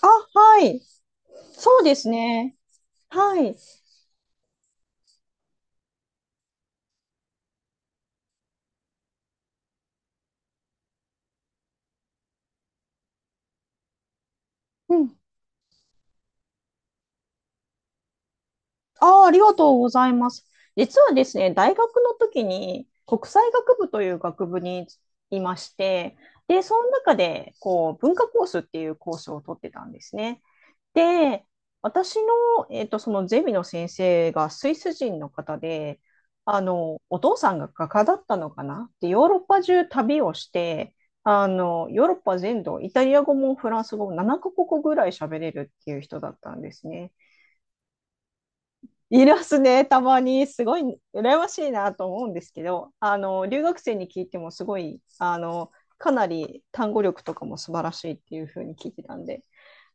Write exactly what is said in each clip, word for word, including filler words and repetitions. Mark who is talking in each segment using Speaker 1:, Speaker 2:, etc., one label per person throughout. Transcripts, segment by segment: Speaker 1: あ、はい。そうですね。はい。うん。あー、ありがとうございます。実はですね、大学の時に国際学部という学部にいまして、で、その中で、こう、文化コースっていうコースを取ってたんですね。で、私の、えっと、そのゼミの先生がスイス人の方で、あの、お父さんが画家だったのかなで、ヨーロッパ中旅をして、あの、ヨーロッパ全土、イタリア語もフランス語もななカ国語ぐらい喋れるっていう人だったんですね。いますね、たまに。すごい羨ましいなと思うんですけど、あの、留学生に聞いてもすごい、あの、かなり単語力とかも素晴らしいっていうふうに聞いてたんで、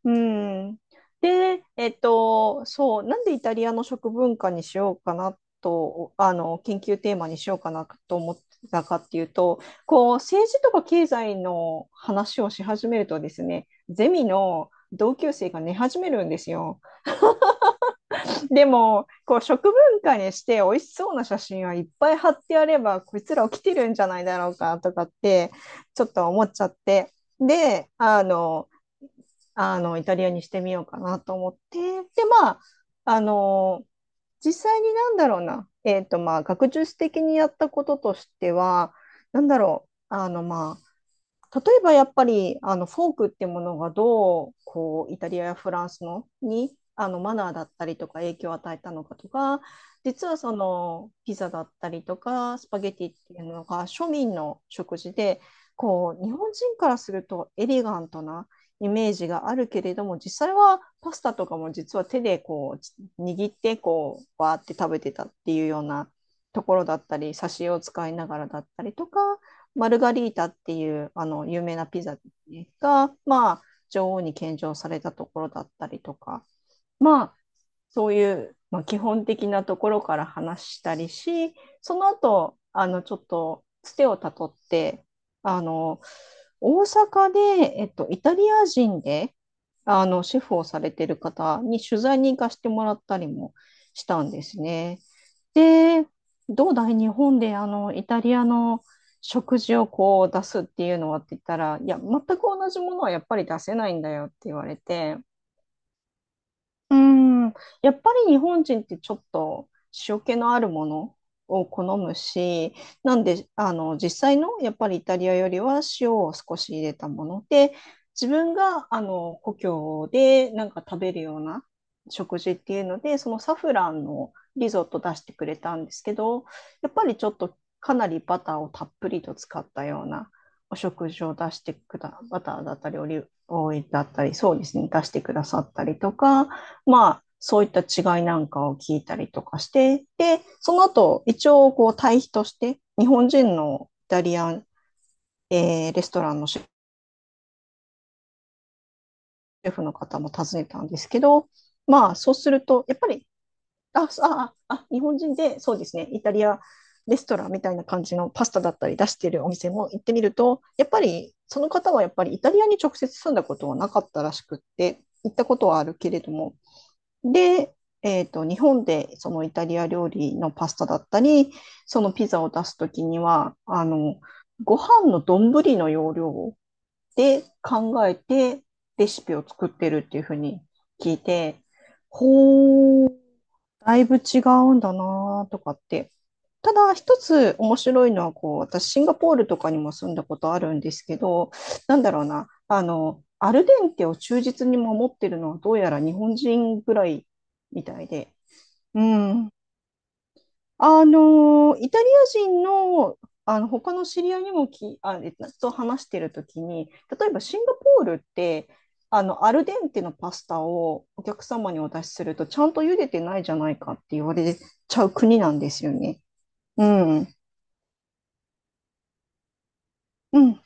Speaker 1: うん。で、えっと、そう、なんでイタリアの食文化にしようかなと、あの、研究テーマにしようかなと思ってたかっていうと、こう、政治とか経済の話をし始めるとですね、ゼミの同級生が寝始めるんですよ。でも、こう、食文化にして美味しそうな写真はいっぱい貼ってやれば、こいつら起きてるんじゃないだろうかとかって、ちょっと思っちゃって。で、あの、あの、イタリアにしてみようかなと思って、で、まあ、あの、実際になんだろうな、えっと、まあ、学術的にやったこととしては、なんだろう、あの、まあ、例えばやっぱりあのフォークってものがどうこうイタリアやフランスのにあのマナーだったりとか影響を与えたのかとか、実はそのピザだったりとかスパゲティっていうのが庶民の食事で、こう、日本人からするとエレガントなイメージがあるけれども、実際はパスタとかも実は手でこう握ってこうわーって食べてたっていうようなところだったり、差しを使いながらだったりとか、マルガリータっていうあの有名なピザが、まあ、女王に献上されたところだったりとか、そういう、まあ、基本的なところから話したりし、その後、あの、ちょっと、つてをたどって、あの、大阪で、えっと、イタリア人で、あの、シェフをされてる方に取材に行かせてもらったりもしたんですね。で、どうだい日本で、あの、イタリアの食事をこう出すっていうのはって言ったら、いや、全く同じものはやっぱり出せないんだよって言われて、うん、やっぱり日本人ってちょっと塩気のあるものを好むし、なんで、あの、実際のやっぱりイタリアよりは塩を少し入れたもので、自分が、あの、故郷でなんか食べるような食事っていうので、そのサフランのリゾット出してくれたんですけど、やっぱりちょっとかなりバターをたっぷりと使ったようなお食事を出してくだ、バターだったり、オリーブオイルだったり、そうですね、出してくださったりとか、まあ、そういった違いなんかを聞いたりとかして、で、その後、一応、こう、対比として、日本人のイタリアン、えーレストランのシェフの方も訪ねたんですけど、まあ、そうすると、やっぱり、あ、あ、あ、日本人で、そうですね、イタリアレストランみたいな感じのパスタだったり出しているお店も行ってみると、やっぱり、その方はやっぱりイタリアに直接住んだことはなかったらしくって、行ったことはあるけれども、で、えっと、日本でそのイタリア料理のパスタだったり、そのピザを出すときには、あの、ご飯の丼の容量で考えてレシピを作ってるっていうふうに聞いて、ほう、だいぶ違うんだなとかって。ただ一つ面白いのは、こう、私シンガポールとかにも住んだことあるんですけど、なんだろうな、あの、アルデンテを忠実に守ってるのはどうやら日本人ぐらいみたいで、うん。あの、イタリア人の、あの、他の知り合いにもき、あ、えっとと話してるときに、例えばシンガポールって、あの、アルデンテのパスタをお客様にお出しすると、ちゃんと茹でてないじゃないかって言われちゃう国なんですよね。うん。うん。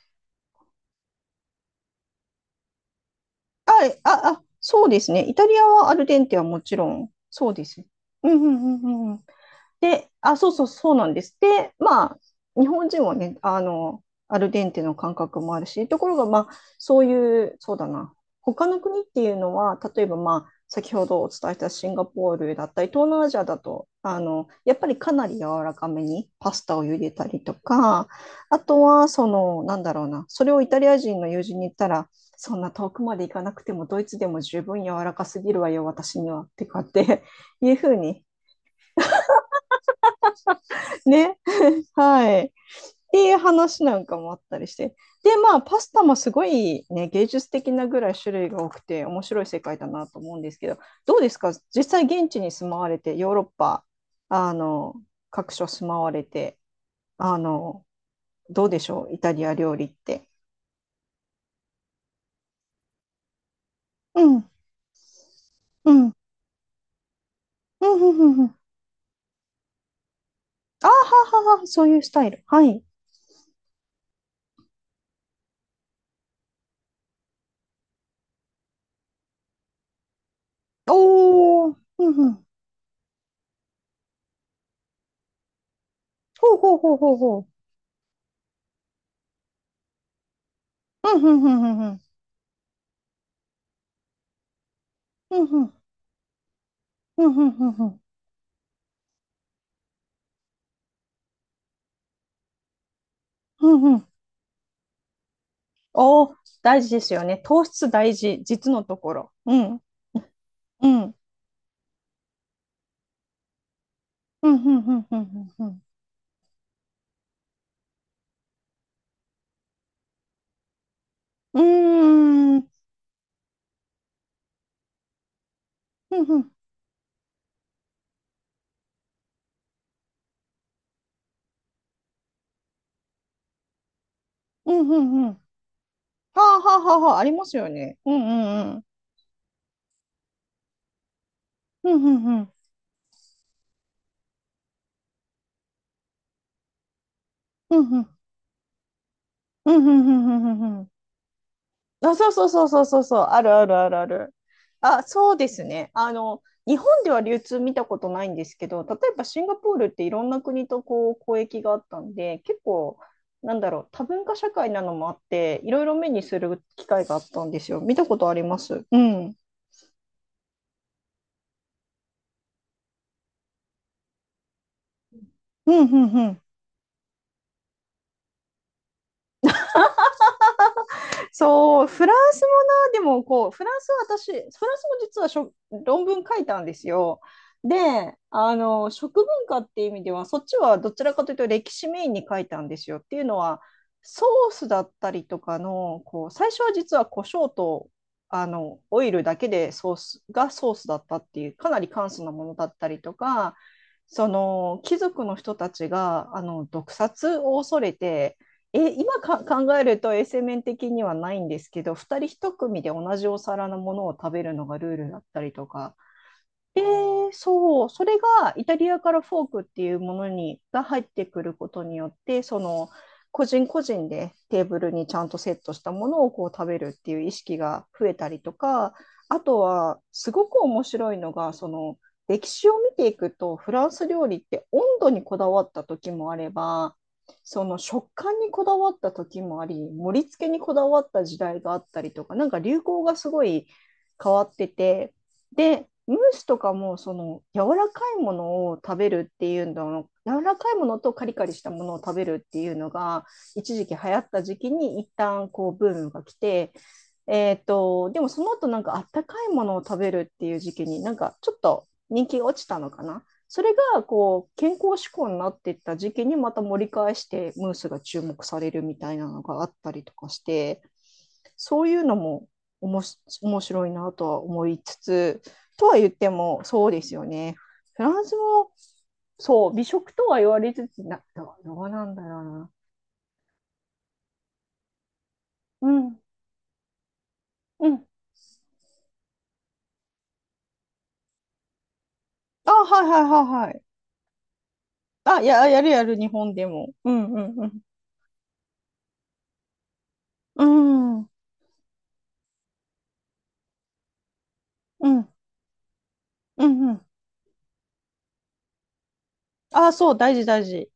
Speaker 1: あ、あ、あ、そうですね。イタリアはアルデンテはもちろん、そうですね。うん、うん、うん、うん。で、あ、そうそう、そうなんです。で、まあ、日本人はね、あの、アルデンテの感覚もあるし、ところが、まあ、そういう、そうだな、他の国っていうのは、例えば、まあ、先ほどお伝えしたシンガポールだったり、東南アジアだと、あの、やっぱりかなり柔らかめにパスタを茹でたりとか、あとは、その、なんだろうな、それをイタリア人の友人に言ったら、そんな遠くまで行かなくても、ドイツでも十分柔らかすぎるわよ、私には、ってかっていうふうに、ね、はい。っていう話なんかもあったりして。で、まあ、パスタもすごいね、芸術的なぐらい種類が多くて、面白い世界だなと思うんですけど、どうですか実際現地に住まわれて、ヨーロッパ、あの、各所住まわれて、あの、どうでしょうイタリア料理って？うん、うん、うん、うん、うん。うん、あははは、そういうスタイル。はい。おー、うん、うん。ほうほうほうほうほう。うん、うん、うん、うん、うん。うん、うん、うん、うん、うん、うん、うん、うん、お、大事ですよね。糖質大事、実のところ。うん、うん、うん、うん、うん、うん、うん。うん、うーん、うん、うん、うん、うん。うん、はあ、はあ、はあ、はあ、ありますよね。うん、うん、うん。うん、うん、うん。うん、うん、うん、うん、うん、うん。うん、あ、そうそうそうそうそうそう、あるあるあるある。あ、そうですね。あの、日本では流通見たことないんですけど、例えばシンガポールっていろんな国とこう交易があったんで、結構、なんだろう、多文化社会なのもあって、いろいろ目にする機会があったんですよ。見たことあります。うん。うん、うん、うん。そう、フランスもな、でもこう、フランスは私、フランスも実はしょ論文書いたんですよ。で、あの、食文化っていう意味では、そっちはどちらかというと歴史メインに書いたんですよ。っていうのは、ソースだったりとかの、こう、最初は実は胡椒と、あの、オイルだけでソースがソースだったっていう、かなり簡素なものだったりとか、その貴族の人たちがあの毒殺を恐れてえ、今か考えると衛生面的にはないんですけど、ふたりいち組で同じお皿のものを食べるのがルールだったりとか、えー、そう、それがイタリアからフォークっていうものにが入ってくることによって、その個人個人でテーブルにちゃんとセットしたものをこう食べるっていう意識が増えたりとか、あとはすごく面白いのが、その歴史を見ていくと、フランス料理って温度にこだわった時もあれば、その食感にこだわった時もあり、盛り付けにこだわった時代があったりとか、なんか流行がすごい変わってて。で、ムースとかもその柔らかいものを食べるっていうの柔らかいものとカリカリしたものを食べるっていうのが一時期流行った時期に一旦こうブームが来て、えーと、でもその後なんかあったかいものを食べるっていう時期になんかちょっと人気が落ちたのかな。それがこう健康志向になっていった時期にまた盛り返してムースが注目されるみたいなのがあったりとかして、そういうのもおもし面白いなとは思いつつ、とは言っても、そうですよね。フランスも、そう、美食とは言われつつ、な、どどうなんだろうな。うん、うん。あ、はいはいはいはい。あ、や、やるやる、日本でも。うんうんうん。うん、うん、うん、うん。あ、そう、大事大事。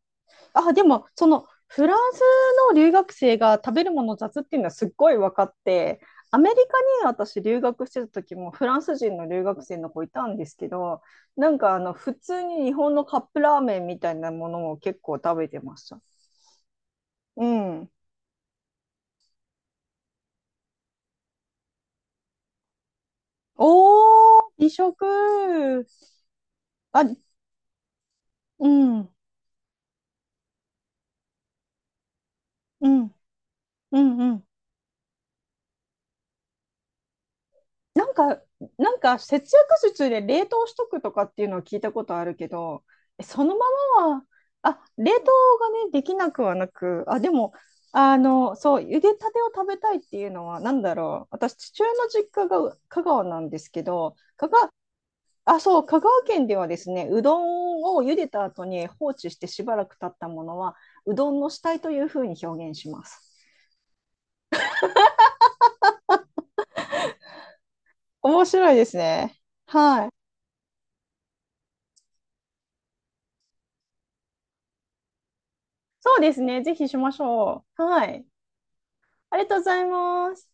Speaker 1: あ、でも、その、フランスの留学生が食べるもの雑っていうのはすっごい分かって、アメリカに私留学してた時もフランス人の留学生の子いたんですけど、なんかあの、普通に日本のカップラーメンみたいなものを結構食べてました。うん。おー、美食。あ、うん、うん、うん、うん。なんか、なんか節約術で冷凍しとくとかっていうのは聞いたことあるけど、えそのままは、あ、冷凍がね、できなくはなく、あ、でも、あの、そう、茹でたてを食べたいっていうのは、なんだろう、私、父親の実家が香川なんですけど、香川、あ、そう、香川県ではですね、うどんを茹でた後に放置してしばらく経ったものは、うどんの死体というふうに表現します。面白いですね。はい。そうですね、ぜひしましょう。はい。ありがとうございます。